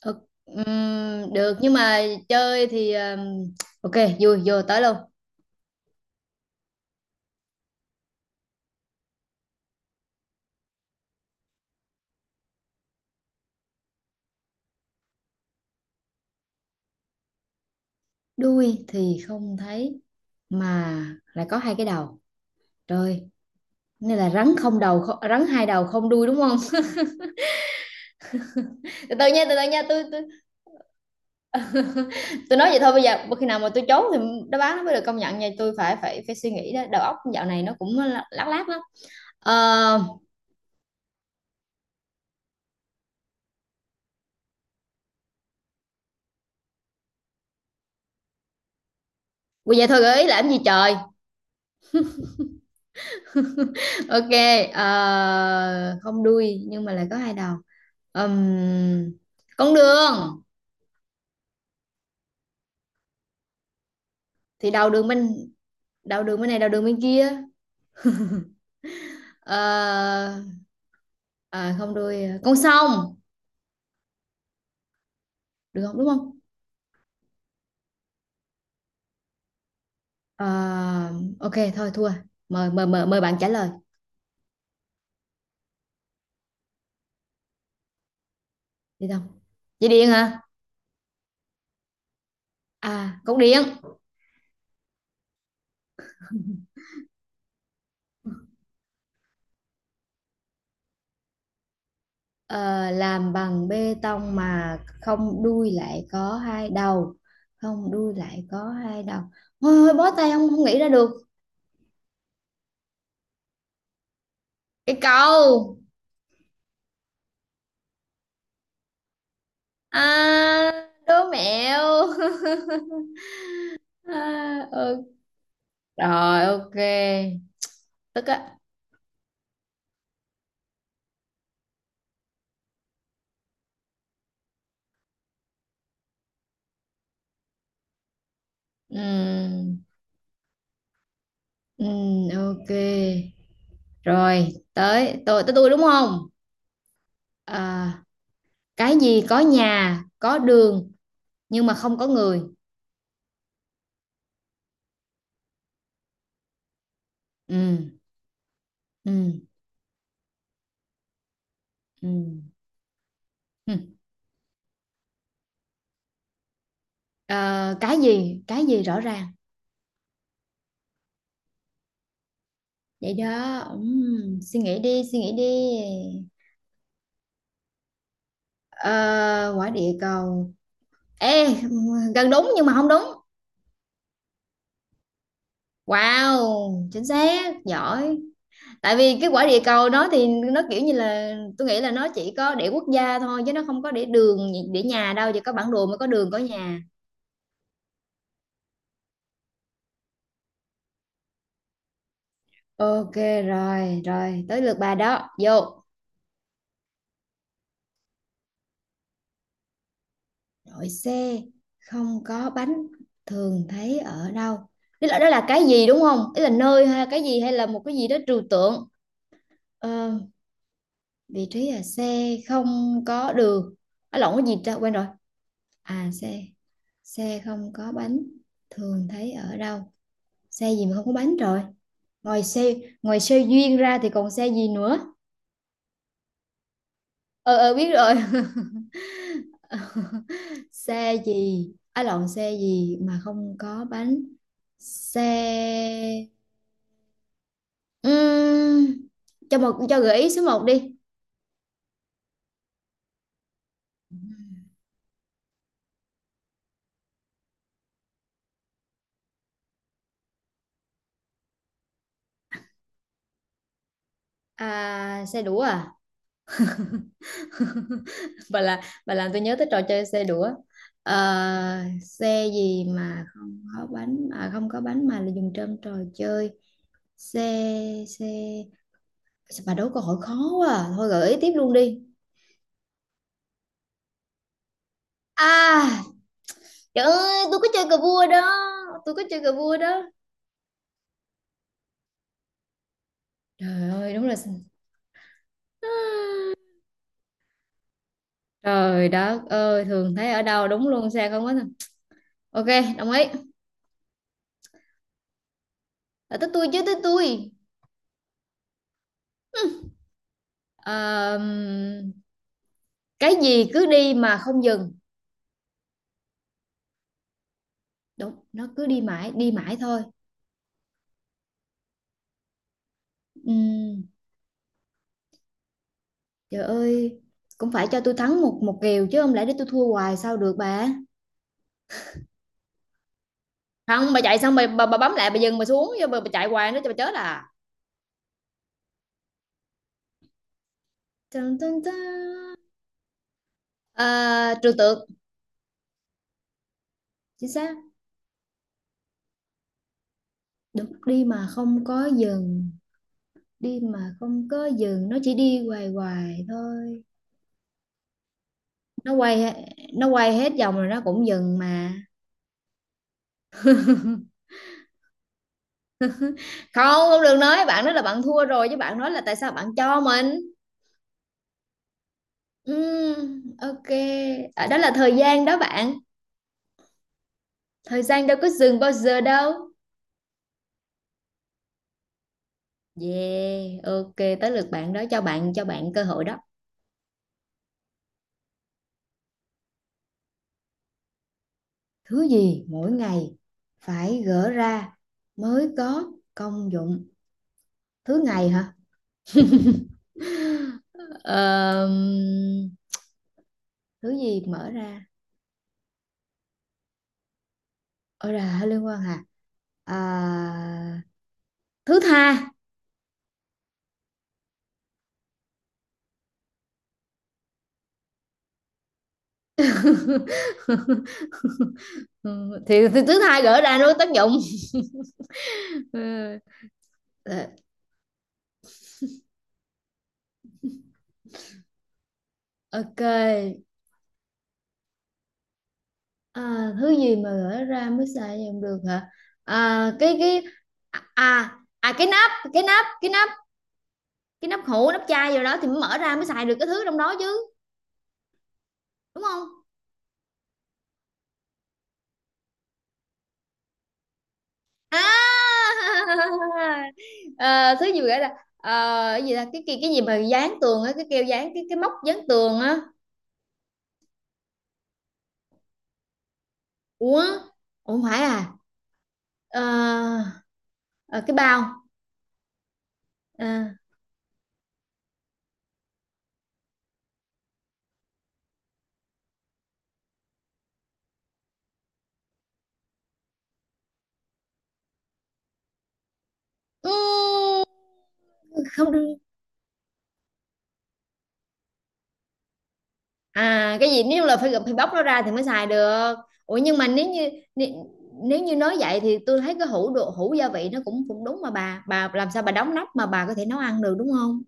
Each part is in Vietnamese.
Ờ, được nhưng mà chơi thì ok, vui vô tới luôn. Đuôi thì không thấy mà lại có hai cái đầu rồi, nên là rắn không đầu không, rắn hai đầu không đuôi đúng không? Từ từ nha, từ từ nha, tôi tôi nói vậy thôi, bây giờ khi nào mà tôi trốn thì đáp án nó mới được công nhận nha, tôi phải phải phải suy nghĩ. Đó, đầu óc dạo này nó cũng lác lác lắm. ờ vậy thôi gợi ý làm gì trời. Ok. Không đuôi nhưng mà lại có hai đầu. Ừm, con đường. Thì đầu đường bên này, đầu đường bên kia. Ờ, Không đuôi, con sông được không, đúng không? Ờ, ok thôi thua, mời mời bạn trả lời. Đi không? Dây điện hả? À, cột điện. Ờ, làm bằng bê tông mà không đuôi lại có hai đầu, không đuôi lại có hai đầu, thôi thôi bó tay, không không nghĩ ra được. Cái cầu. À đố mẹo. À, ok. Rồi ok. Tức á. Ừm, ok. Rồi, tới tôi đúng không? À, cái gì có nhà, có đường nhưng mà không có người. Ừm, ừm, ừm, ừm. Ờ, cái gì? Cái gì rõ ràng. Vậy đó. Suy nghĩ đi, suy nghĩ đi. Ờ, quả địa cầu. Ê, gần đúng nhưng mà không đúng. Wow, chính xác, giỏi. Tại vì cái quả địa cầu đó thì nó kiểu như là tôi nghĩ là nó chỉ có để quốc gia thôi, chứ nó không có để đường, để nhà đâu, chỉ có bản đồ mới có đường, có nhà. Ok, rồi rồi tới lượt bà đó vô. Đội xe không có bánh thường thấy ở đâu? Tức là đó là cái gì, đúng không, ý là nơi hay cái gì hay là một cái gì đó trừu tượng? Ờ, vị trí là xe không có đường. À, lộn, cái gì ta, quên rồi. À xe, xe không có bánh thường thấy ở đâu, xe gì mà không có bánh rồi, ngoài xe ngoài xe duyên ra thì còn xe gì nữa? Ờ ờ biết rồi. Xe gì á, lộn, xe gì mà không có bánh? Xe. Ừm, cho một, cho gợi ý số một đi. À, xe đũa à? Bà làm tôi nhớ tới trò chơi xe đũa. Ờ, xe gì mà không có bánh, à, không có bánh mà là dùng trong trò chơi. Xe xe Sao Bà đố câu hỏi khó quá à. Thôi gợi ý tiếp luôn đi. À, trời ơi tôi có chơi cờ vua đó. Tôi có chơi cờ vua đó. Trời ơi đúng là, trời đất ơi, thường thấy ở đâu đúng luôn, sao không có nè. Ok đồng ý. Là tới tôi chứ, tới tôi. Ờ, cái gì cứ đi mà không dừng. Đúng, nó cứ đi mãi thôi. Ừm, Trời ơi, cũng phải cho tôi thắng một, một kèo chứ, không lẽ để tôi thua hoài sao được bà. Không, bà chạy xong bà bấm lại, bà dừng bà xuống chứ, bà chạy hoài nữa cho bà chết à. Tần tần tần. À, trừu tượng, chính xác, đúng, đi mà không có dừng, đi mà không có dừng, nó chỉ đi hoài hoài thôi. nó quay he- nó quay hết vòng rồi nó cũng dừng mà. Không không được, nói bạn nói là bạn thua rồi chứ, bạn nói là tại sao bạn cho mình. Ok, à, đó là thời gian đó bạn, thời gian đâu có dừng bao giờ đâu. Yeah ok, tới lượt bạn đó, cho bạn, cho bạn cơ hội đó. Thứ gì mỗi ngày phải gỡ ra mới có công dụng? Thứ ngày hả? Ờm, Thứ gì mở ra? Ôi là liên quan hả? À, thứ tha. Ừ, thì thứ tha gỡ ra nó có tác dụng. Ừ. Ờ, ok, à, thứ gì mà gỡ ra mới xài dùng được hả? À, cái À à, cái nắp cái nắp, cái nắp hũ, nắp chai gì đó thì mới mở ra mới xài được cái thứ trong đó chứ, đúng không? À. Ờ, thứ gì gọi là ờ, cái gì là cái gì mà dán tường á, cái keo dán, cái móc dán tường á? Ủa, ủa không phải à? Ờ, ờ, cái bao. À, ừ, không được. À cái gì nếu là phải phải bóc nó ra thì mới xài được? Ủa nhưng mà nếu như, nếu, nếu như nói vậy thì tôi thấy cái hũ đồ, hũ gia vị nó cũng cũng đúng mà bà làm sao bà đóng nắp mà bà có thể nấu ăn được, đúng không?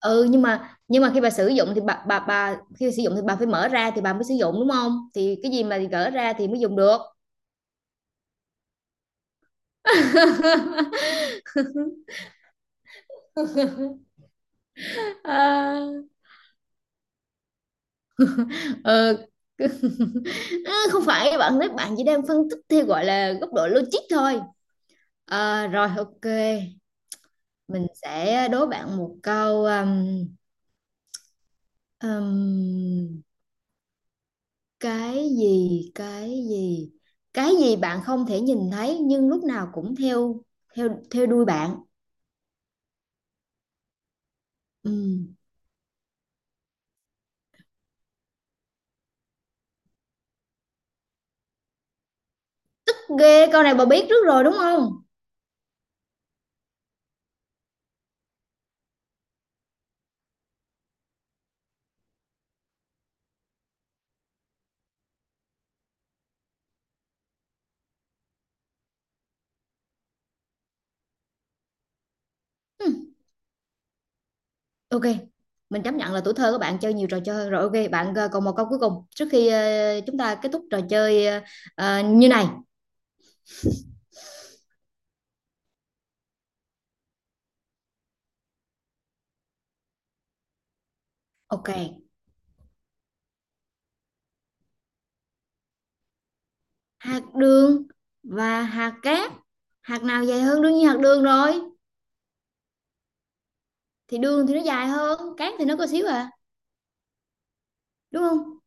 Ừ nhưng mà, khi bà sử dụng thì bà khi bà sử dụng thì bà phải mở ra thì bà mới sử dụng, đúng không, thì cái gì mà gỡ ra thì mới dùng được. à, ờ, Không phải bạn nói, bạn chỉ đang phân tích theo gọi là góc độ logic thôi. À, rồi ok, mình sẽ đố bạn một câu. Um, cái gì, cái gì bạn không thể nhìn thấy nhưng lúc nào cũng theo theo theo đuôi bạn? Ừ. Ghê, câu này bà biết trước rồi đúng không? Hừm, ok, mình chấp nhận là tuổi thơ của bạn chơi nhiều trò chơi hơn. Rồi ok, bạn ờ, còn một câu cuối cùng trước khi ờ, chúng ta kết thúc trò chơi ờ, ờ, như này. Ok, hạt đường và hạt cát. Hạt nào dài hơn? Đương nhiên hạt đường rồi. Thì đường thì nó dài hơn, cát thì nó có xíu à, đúng không?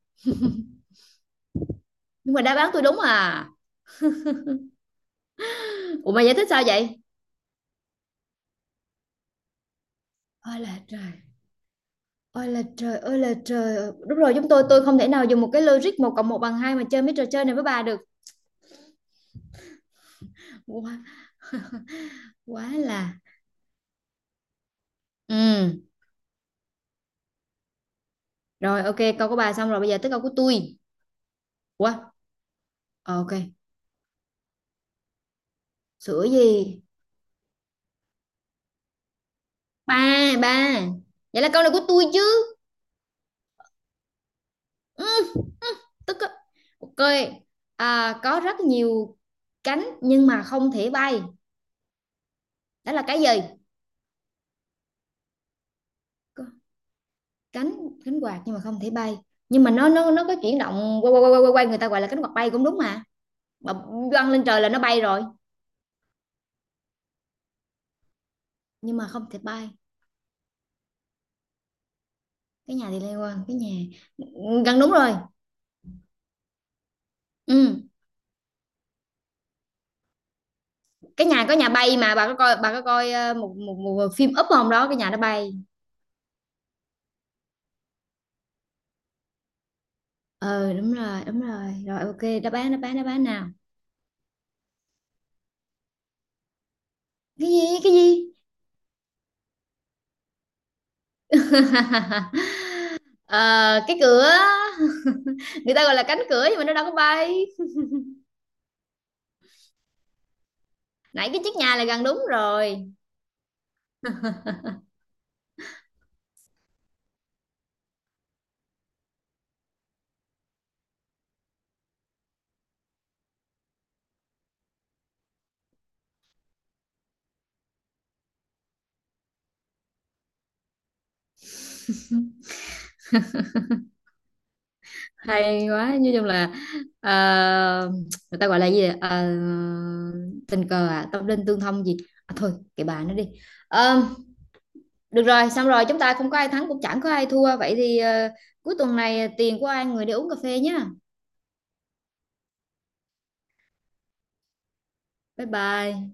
Nhưng mà đáp án tôi đúng à. Ủa mày giải thích sao vậy? Ôi là trời. Ôi là trời, ôi là trời. Đúng rồi, chúng tôi không thể nào dùng một cái logic một cộng một bằng hai mà chơi mấy trò chơi này với bà được. Ủa, quá là, ừ rồi ok, câu của bà xong rồi, bây giờ tới câu của tôi. Quá ok. Sữa gì? Ba ba, vậy là câu này của tôi chứ. Ừ, tức á. Ok, à, có rất nhiều cánh nhưng mà không thể bay, đó là cái gì? Có cánh, cánh quạt nhưng mà không thể bay, nhưng mà nó nó có chuyển động quay quay quay quay quay người ta gọi là cánh quạt bay cũng đúng mà, mà văng lên trời là nó bay rồi. Nhưng mà không thể bay. Cái nhà thì liên quan, cái nhà gần đúng rồi. Ừ, cái nhà có nhà bay mà, bà có coi, bà có coi ờ, một một, một phim Up không đó, cái nhà nó bay. Ờ đúng rồi, đúng rồi rồi ok, đáp án đáp án nào? Cái gì? Ờ, cái cửa, người ta gọi là cánh cửa nhưng mà nó đâu có bay. Nãy cái chiếc nhà là gần đúng rồi. Hay quá, nói chung là ờ, người ta gọi là gì vậy? Ờ, tình cờ à, tâm linh tương thông gì. À, thôi kệ bà nó đi. Ờ, được rồi, xong rồi chúng ta không có ai thắng cũng chẳng có ai thua. Vậy thì ờ, cuối tuần này ờ, tiền của ai người đi uống cà phê nhá. Bye bye.